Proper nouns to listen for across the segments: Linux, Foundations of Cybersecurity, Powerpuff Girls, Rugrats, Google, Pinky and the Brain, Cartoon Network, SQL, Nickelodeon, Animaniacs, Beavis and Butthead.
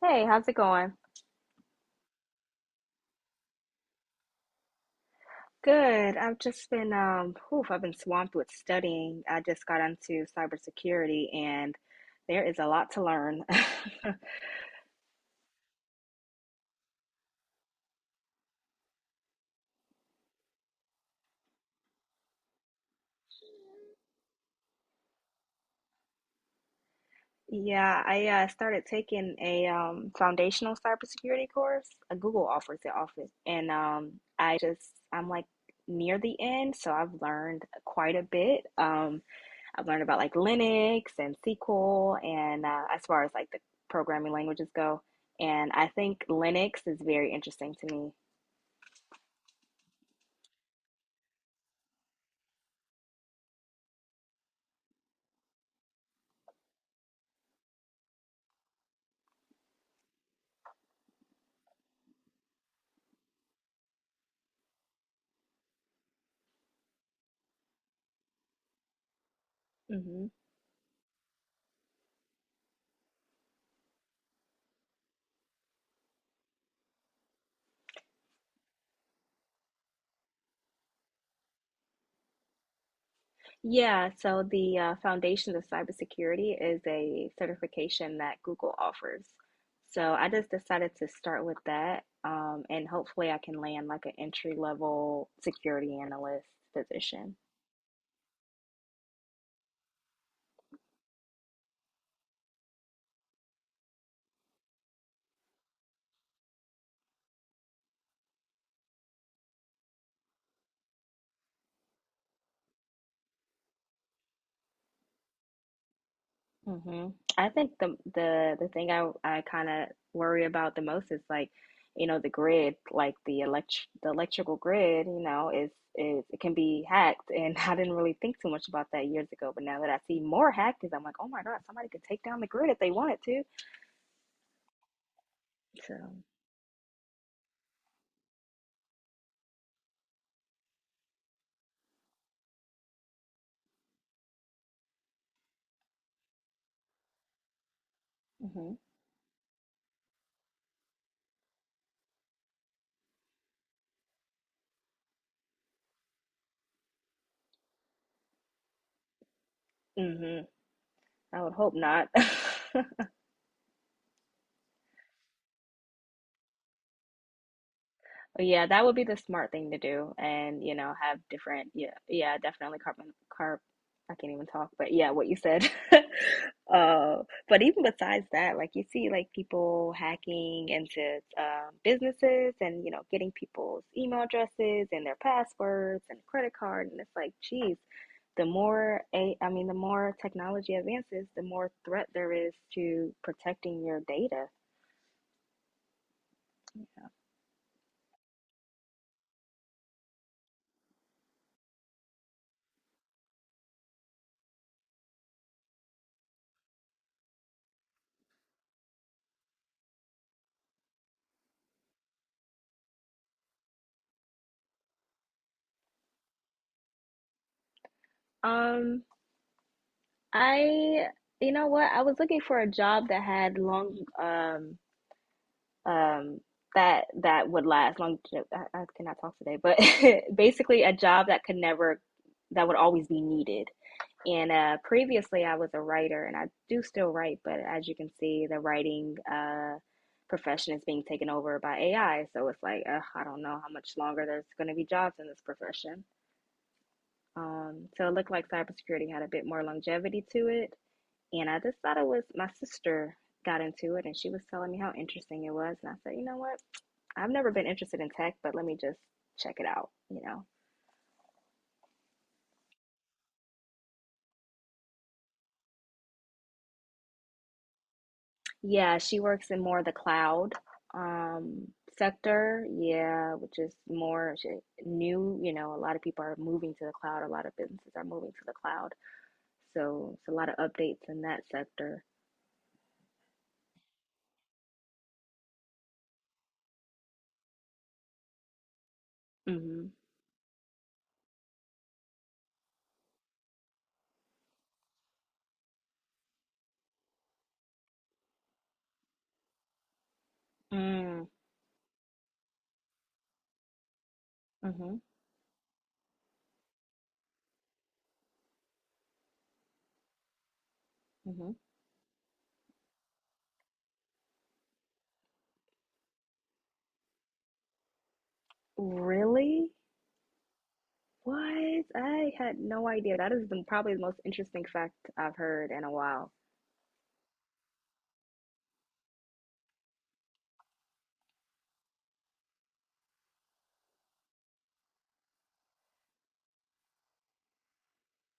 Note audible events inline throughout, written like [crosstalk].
Hey, how's it going? Good. I've just been whew, I've been swamped with studying. I just got into cybersecurity and there is a lot to learn. [laughs] Yeah, I started taking a foundational cybersecurity course. Google offers it often. And I'm like near the end, so I've learned quite a bit. I've learned about like Linux and SQL and as far as like the programming languages go. And I think Linux is very interesting to me. Hmm Yeah, so the Foundations of Cybersecurity is a certification that Google offers. So I just decided to start with that, and hopefully I can land like an entry level security analyst position. Hmm I think the thing I kind of worry about the most is like, you know, the grid, like the electrical grid, you know, is it can be hacked, and [laughs] I didn't really think too much about that years ago, but now that I see more hackers, I'm like, oh my God, somebody could take down the grid if they wanted to. So, hmm hmm I would hope not. [laughs] Yeah, that would be the smart thing to do, and you know, have different. Yeah, yeah, definitely carbon carb. I can't even talk, but yeah, what you said. [laughs] uh, but even besides that, like you see, like people hacking into businesses, and you know, getting people's email addresses and their passwords and credit card, and it's like, geez, I mean, the more technology advances, the more threat there is to protecting your data. Um, I, you know what? I was looking for a job that had long, um, that would last long. I cannot talk today, but [laughs] basically a job that could never, that would always be needed. And previously, I was a writer, and I do still write, but as you can see, the writing profession is being taken over by AI. So it's like, ugh, I don't know how much longer there's going to be jobs in this profession. So it looked like cybersecurity had a bit more longevity to it and I just thought it was my sister got into it and she was telling me how interesting it was. And I said, you know what? I've never been interested in tech, but let me just check it out, you know? Yeah, she works in more of the cloud um, sector. Yeah, which is more new. You know, a lot of people are moving to the cloud, a lot of businesses are moving to the cloud. So it's a lot of updates in that sector. Mm-hmm. Mm-hmm. Mm-hmm. Mm-hmm. Really? What? I had no idea. That is the, probably the most interesting fact I've heard in a while.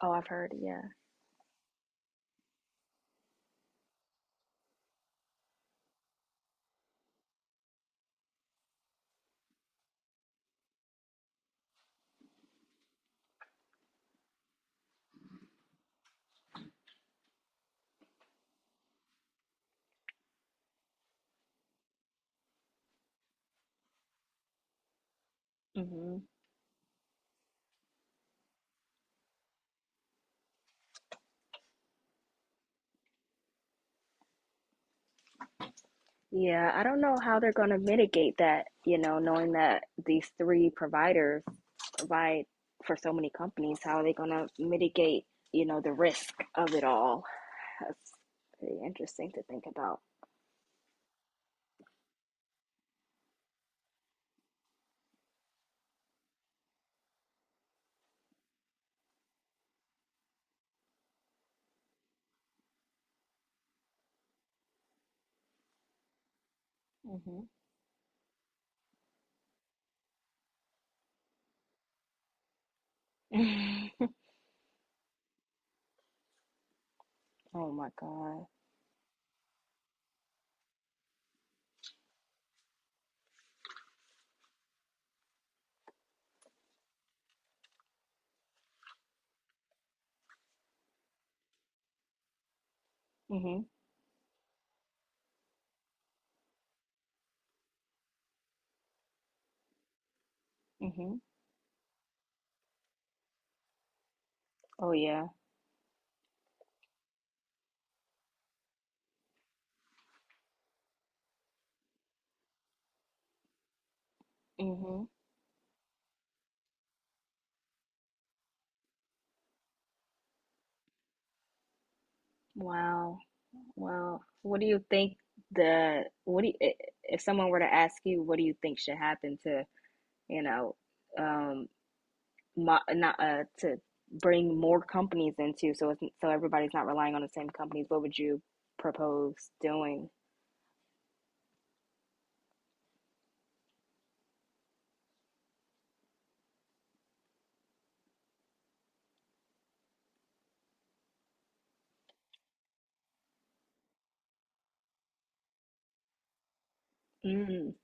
Oh, I've heard, yeah. hmm Yeah, I don't know how they're going to mitigate that, you know, knowing that these three providers provide for so many companies. How are they going to mitigate, you know, the risk of it all? That's pretty interesting to think about. Hmm [laughs] Oh my God. Hmm hmm Oh yeah. Mm-hmm. Wow. Well, what do you think the what do you, I- if someone were to ask you what do you think should happen to, you know, um mo not to bring more companies into so it's, so everybody's not relying on the same companies, what would you propose doing? Mm,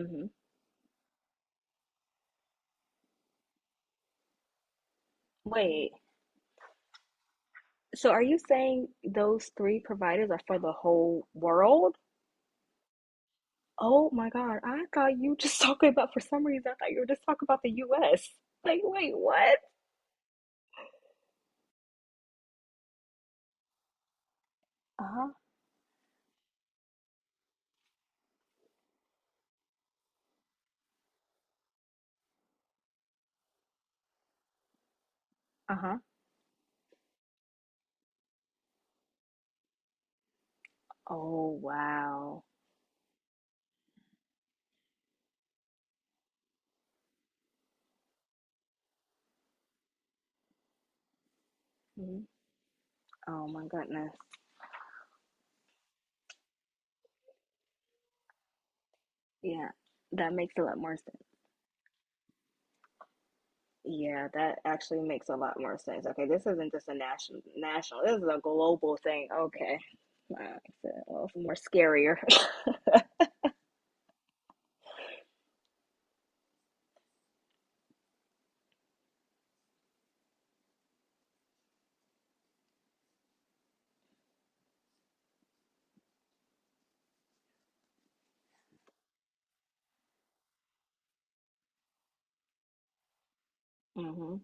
mm-hmm. Wait. So are you saying those three providers are for the whole world? Oh my God, I thought you just [laughs] talking about for some reason I thought you were just talking about the US. Like, wait, what? Uh-huh. Oh, wow. Mhm. Oh my goodness. Yeah, that makes a lot more sense. Yeah, that actually makes a lot more sense. Okay, this isn't just a national. This is a global thing. Okay. That makes it a little more scarier. [laughs] Mm-hmm.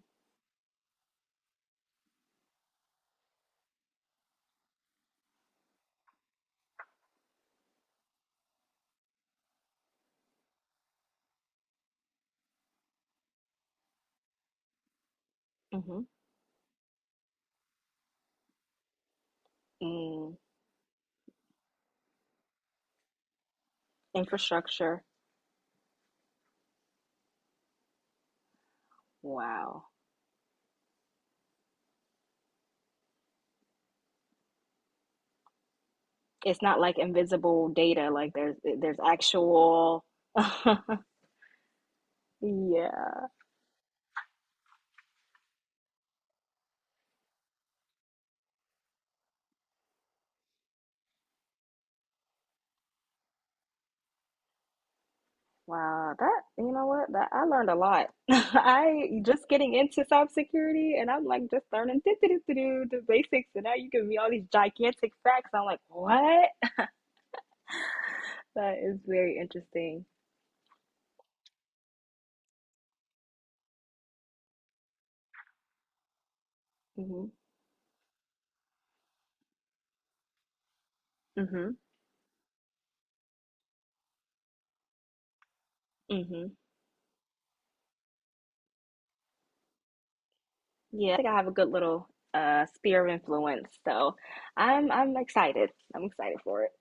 Mm-hmm. Mm. Infrastructure. Wow. It's not like invisible data, like there's actual [laughs] Yeah. Wow, that you know what? That I learned a lot. [laughs] I just getting into cybersecurity and I'm like just learning [laughs] do, do, do, do, the basics and now you give me all these gigantic facts. I'm like, what? [laughs] That is very interesting. Hmm hmm hmm Yeah, I think I have a good little sphere of influence. So I'm excited. I'm excited for it.